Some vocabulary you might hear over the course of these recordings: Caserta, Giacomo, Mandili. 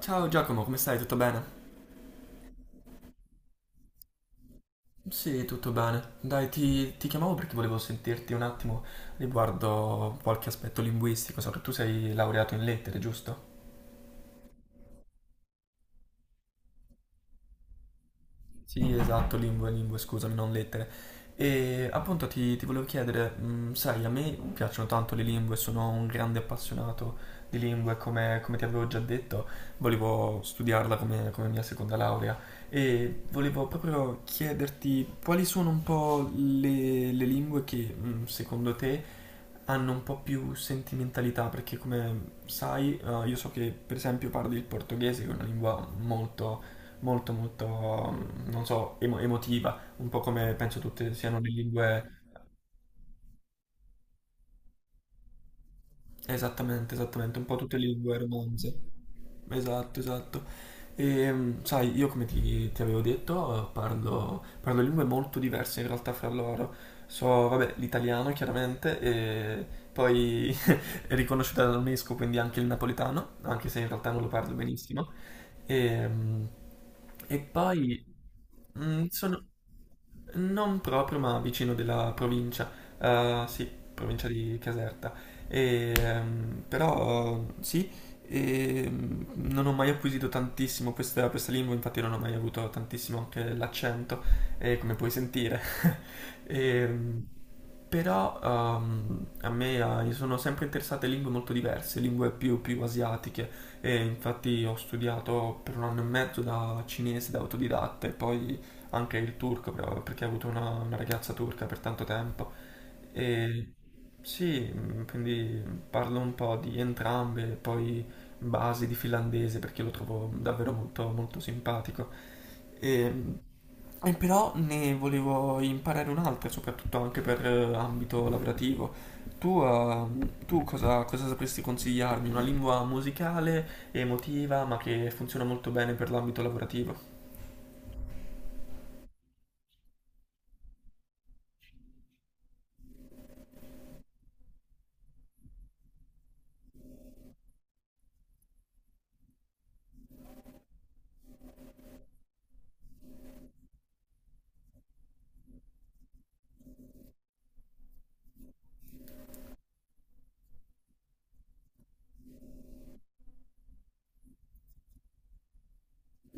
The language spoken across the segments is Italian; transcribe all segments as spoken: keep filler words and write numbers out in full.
Ciao Giacomo, come stai? Tutto bene? Sì, tutto bene. Dai, ti, ti chiamavo perché volevo sentirti un attimo riguardo qualche aspetto linguistico, so che tu sei laureato in lettere, giusto? Sì, esatto, lingue, lingue, scusami, non lettere. E appunto ti, ti volevo chiedere, mh, sai, a me piacciono tanto le lingue, sono un grande appassionato di lingue, come, come ti avevo già detto, volevo studiarla come, come mia seconda laurea e volevo proprio chiederti quali sono un po' le, le lingue che mh, secondo te hanno un po' più sentimentalità, perché come sai, eh, io so che per esempio parli il portoghese, che è una lingua molto molto molto, mm, non so, emo- emotiva, un po' come penso tutte siano le lingue, esattamente, esattamente, un po' tutte le lingue romanze. Esatto, esatto. E, mh, sai, io come ti, ti avevo detto, eh, parlo, parlo lingue molto diverse in realtà fra loro. So, vabbè, l'italiano chiaramente, e poi è riconosciuta dall'U N E S C O, quindi anche il napoletano, anche se in realtà non lo parlo benissimo. E, mh, e poi mm, sono non proprio, ma vicino della provincia, eh, sì, provincia di Caserta. E, ehm, però sì, e mm, non ho mai acquisito tantissimo questa, questa lingua, infatti non ho mai avuto tantissimo anche l'accento, eh, come puoi sentire. E, mm, però ehm, a me eh, mi sono sempre interessate lingue molto diverse, lingue più, più asiatiche e infatti ho studiato per un anno e mezzo da cinese, da autodidatta e poi anche il turco però, perché ho avuto una, una ragazza turca per tanto tempo e sì, mm, quindi parlo un po' di entrambe, poi basi di finlandese perché lo trovo davvero molto, molto simpatico. E, e però ne volevo imparare un'altra, soprattutto anche per eh, ambito lavorativo. Tu, eh, tu cosa, cosa sapresti consigliarmi? Una lingua musicale, emotiva, ma che funziona molto bene per l'ambito lavorativo.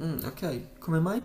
Mm, ok, come mai?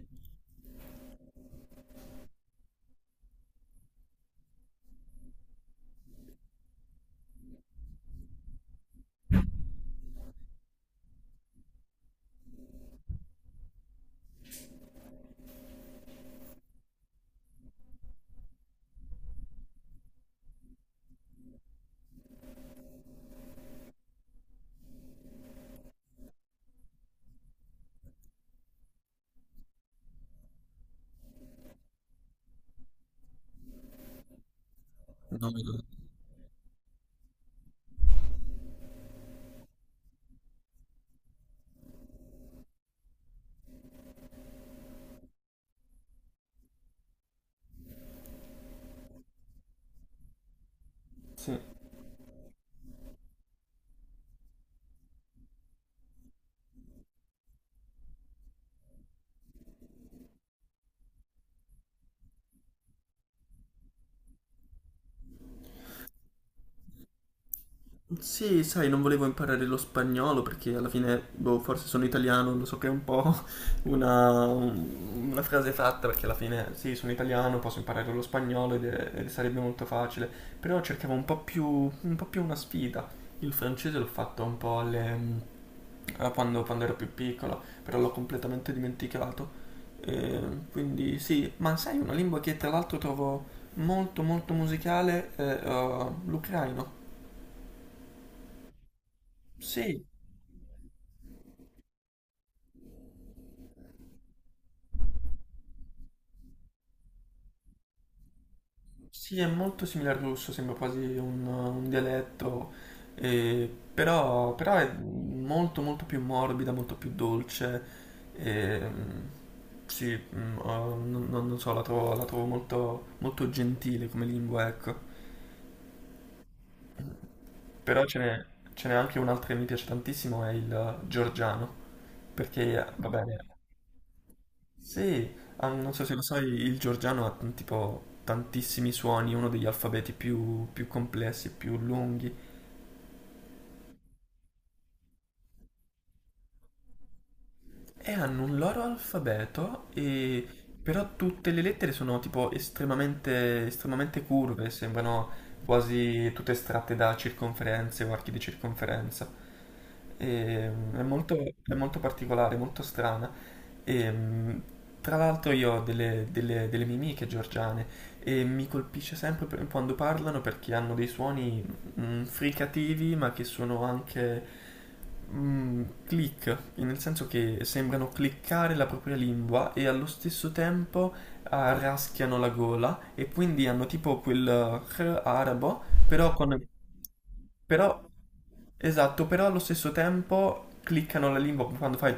No, no. Sì. Sì, sai, non volevo imparare lo spagnolo perché alla fine, boh, forse sono italiano, lo so che è un po' una, una frase fatta perché alla fine, sì, sono italiano, posso imparare lo spagnolo ed, è- ed sarebbe molto facile, però cercavo un po' più, un po' più una sfida. Il francese l'ho fatto un po' alle, mm, a quando, quando ero più piccolo, però l'ho completamente dimenticato. Eh, quindi sì, ma sai, una lingua che tra l'altro trovo molto molto musicale è eh, l'ucraino. Sì. Sì, è molto simile al russo, sembra quasi un, un dialetto, eh, però, però è molto molto più morbida, molto più dolce. ehm, sì, mm, oh, non, non- non so, la trovo, la trovo molto, molto gentile come lingua, ecco. Però ce n'è ce n'è anche un'altra che mi piace tantissimo, è il georgiano, perché, va bene, sì, ah, non so se lo sai, il georgiano ha tipo tantissimi suoni, uno degli alfabeti più, più complessi e più lunghi. E hanno un loro alfabeto, e però tutte le lettere sono tipo estremamente, estremamente curve, sembrano quasi tutte estratte da circonferenze o archi di circonferenza. E, mm, è molto, è molto particolare, molto strana. E, mm, tra l'altro io ho delle, delle, delle mie amiche georgiane e mi colpisce sempre per- quando parlano perché hanno dei suoni mm, fricativi ma che sono anche mm, click, nel senso che sembrano cliccare la propria lingua e allo stesso tempo ah, raschiano la gola e quindi hanno tipo quel r arabo però con... Però, esatto, però allo stesso tempo cliccano la lingua quando fai...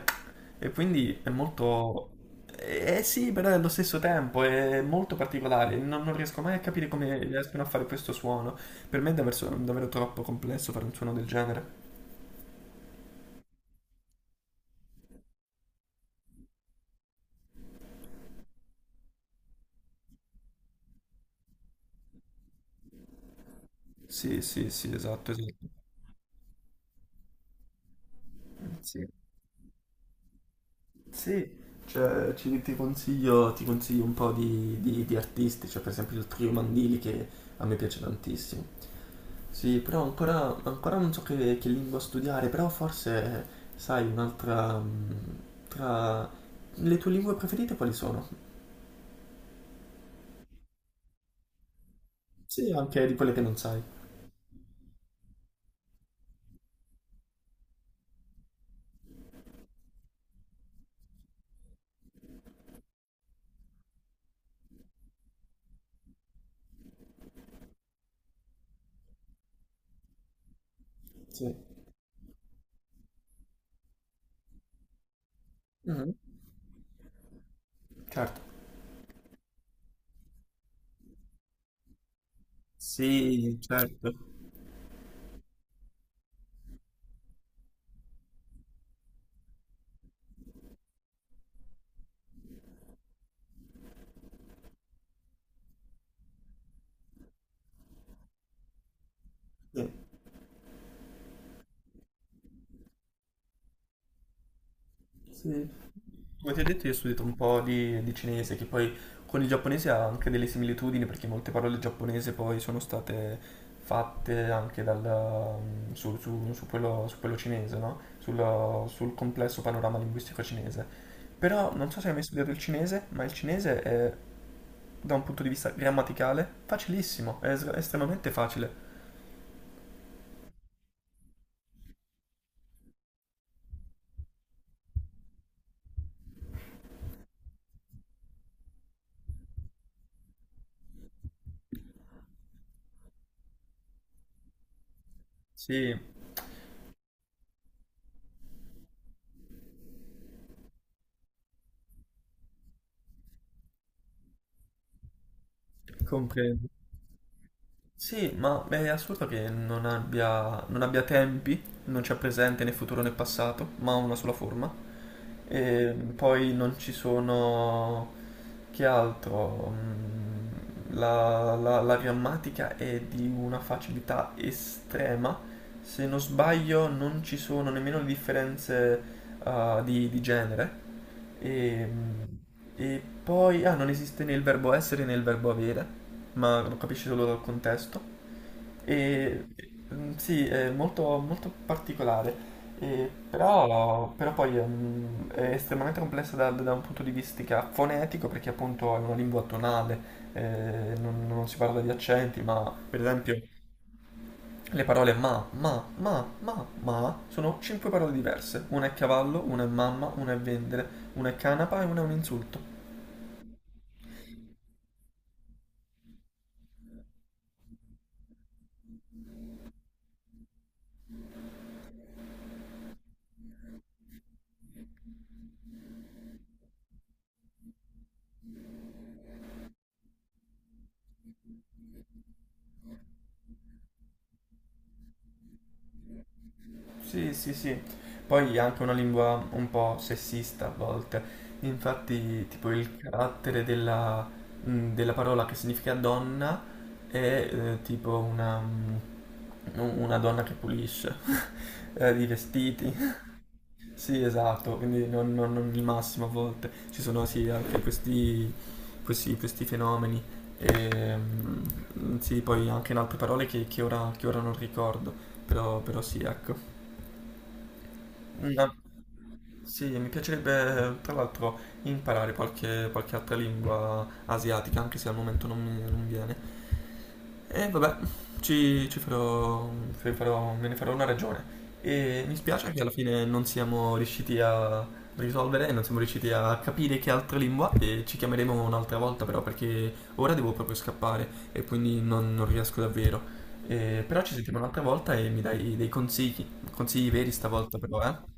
E quindi è molto... Eh eh sì, però è allo stesso tempo è molto particolare. Non, non riesco mai a capire come riescono a fare questo suono. Per me è davvero, davvero troppo complesso fare un suono del genere. Sì, sì, sì, esatto, esatto. Sì. Sì, cioè, ci- ti consiglio, ti consiglio un po' di, di- di artisti, cioè per esempio il trio Mandili che a me piace tantissimo. Sì, però ancora, ancora non so che, che lingua studiare, però forse, sai, un'altra... mm, tra le tue lingue preferite quali sono? Sì, anche di quelle che non sai. Sì. Mhm. Certo. Sì, certo. Sì. Sì. Come ti ho detto, io ho studiato un po' di, di cinese, che poi con il giapponese ha anche delle similitudini, perché molte parole giapponese poi sono state fatte anche dal, mm, su, su- su quello, su quello cinese, no? Sul, sul complesso panorama linguistico cinese. Però non so se hai mai studiato il cinese, ma il cinese è, da un punto di vista grammaticale, facilissimo, è es- estremamente facile. Sì, comprendo. Sì, ma è assurdo che non abbia, non abbia tempi, non c'è presente né futuro né passato, ma ha una sola forma. E poi non ci sono... che altro? Mm, La, la- la grammatica è di una facilità estrema. Se non sbaglio, non ci sono nemmeno le differenze, ah, di, di genere. E, e poi, ah, non esiste né il verbo essere né il verbo avere, ma lo capisci solo dal contesto. E, mm, sì, è molto, molto particolare, e però, però poi mm, è estremamente complessa da, da un punto di vista fonetico perché appunto è una lingua tonale, eh, non, non si parla di accenti, ma per esempio le parole ma, ma, ma, ma, ma sono cinque parole diverse, una è cavallo, una è mamma, una è vendere, una è canapa e una è un insulto. Sì, sì, sì. Poi è anche una lingua un po' sessista a volte. Infatti, tipo il carattere della, mh, della parola che significa donna è eh, tipo una, mh, una donna che pulisce eh, i vestiti. Sì, esatto, quindi non, non- non il massimo a volte. Ci sono sì anche questi, questi, questi fenomeni. E, mh, sì, poi anche in altre parole che, che ora, che ora non ricordo, però, però sì, ecco. Una... Sì, mi piacerebbe tra l'altro imparare qualche, qualche altra lingua asiatica, anche se al momento non mi non viene. E vabbè, ci, ci farò, fe- farò- me ne farò una ragione. E mi spiace che alla fine non siamo riusciti a risolvere, non siamo riusciti a capire che altra lingua e ci chiameremo un'altra volta però perché ora devo proprio scappare e quindi non, non riesco davvero. E- però ci sentiamo un'altra volta e mi dai dei consigli, consigli veri stavolta però, eh?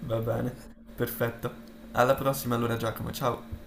Va bene, perfetto. Alla prossima allora Giacomo, ciao.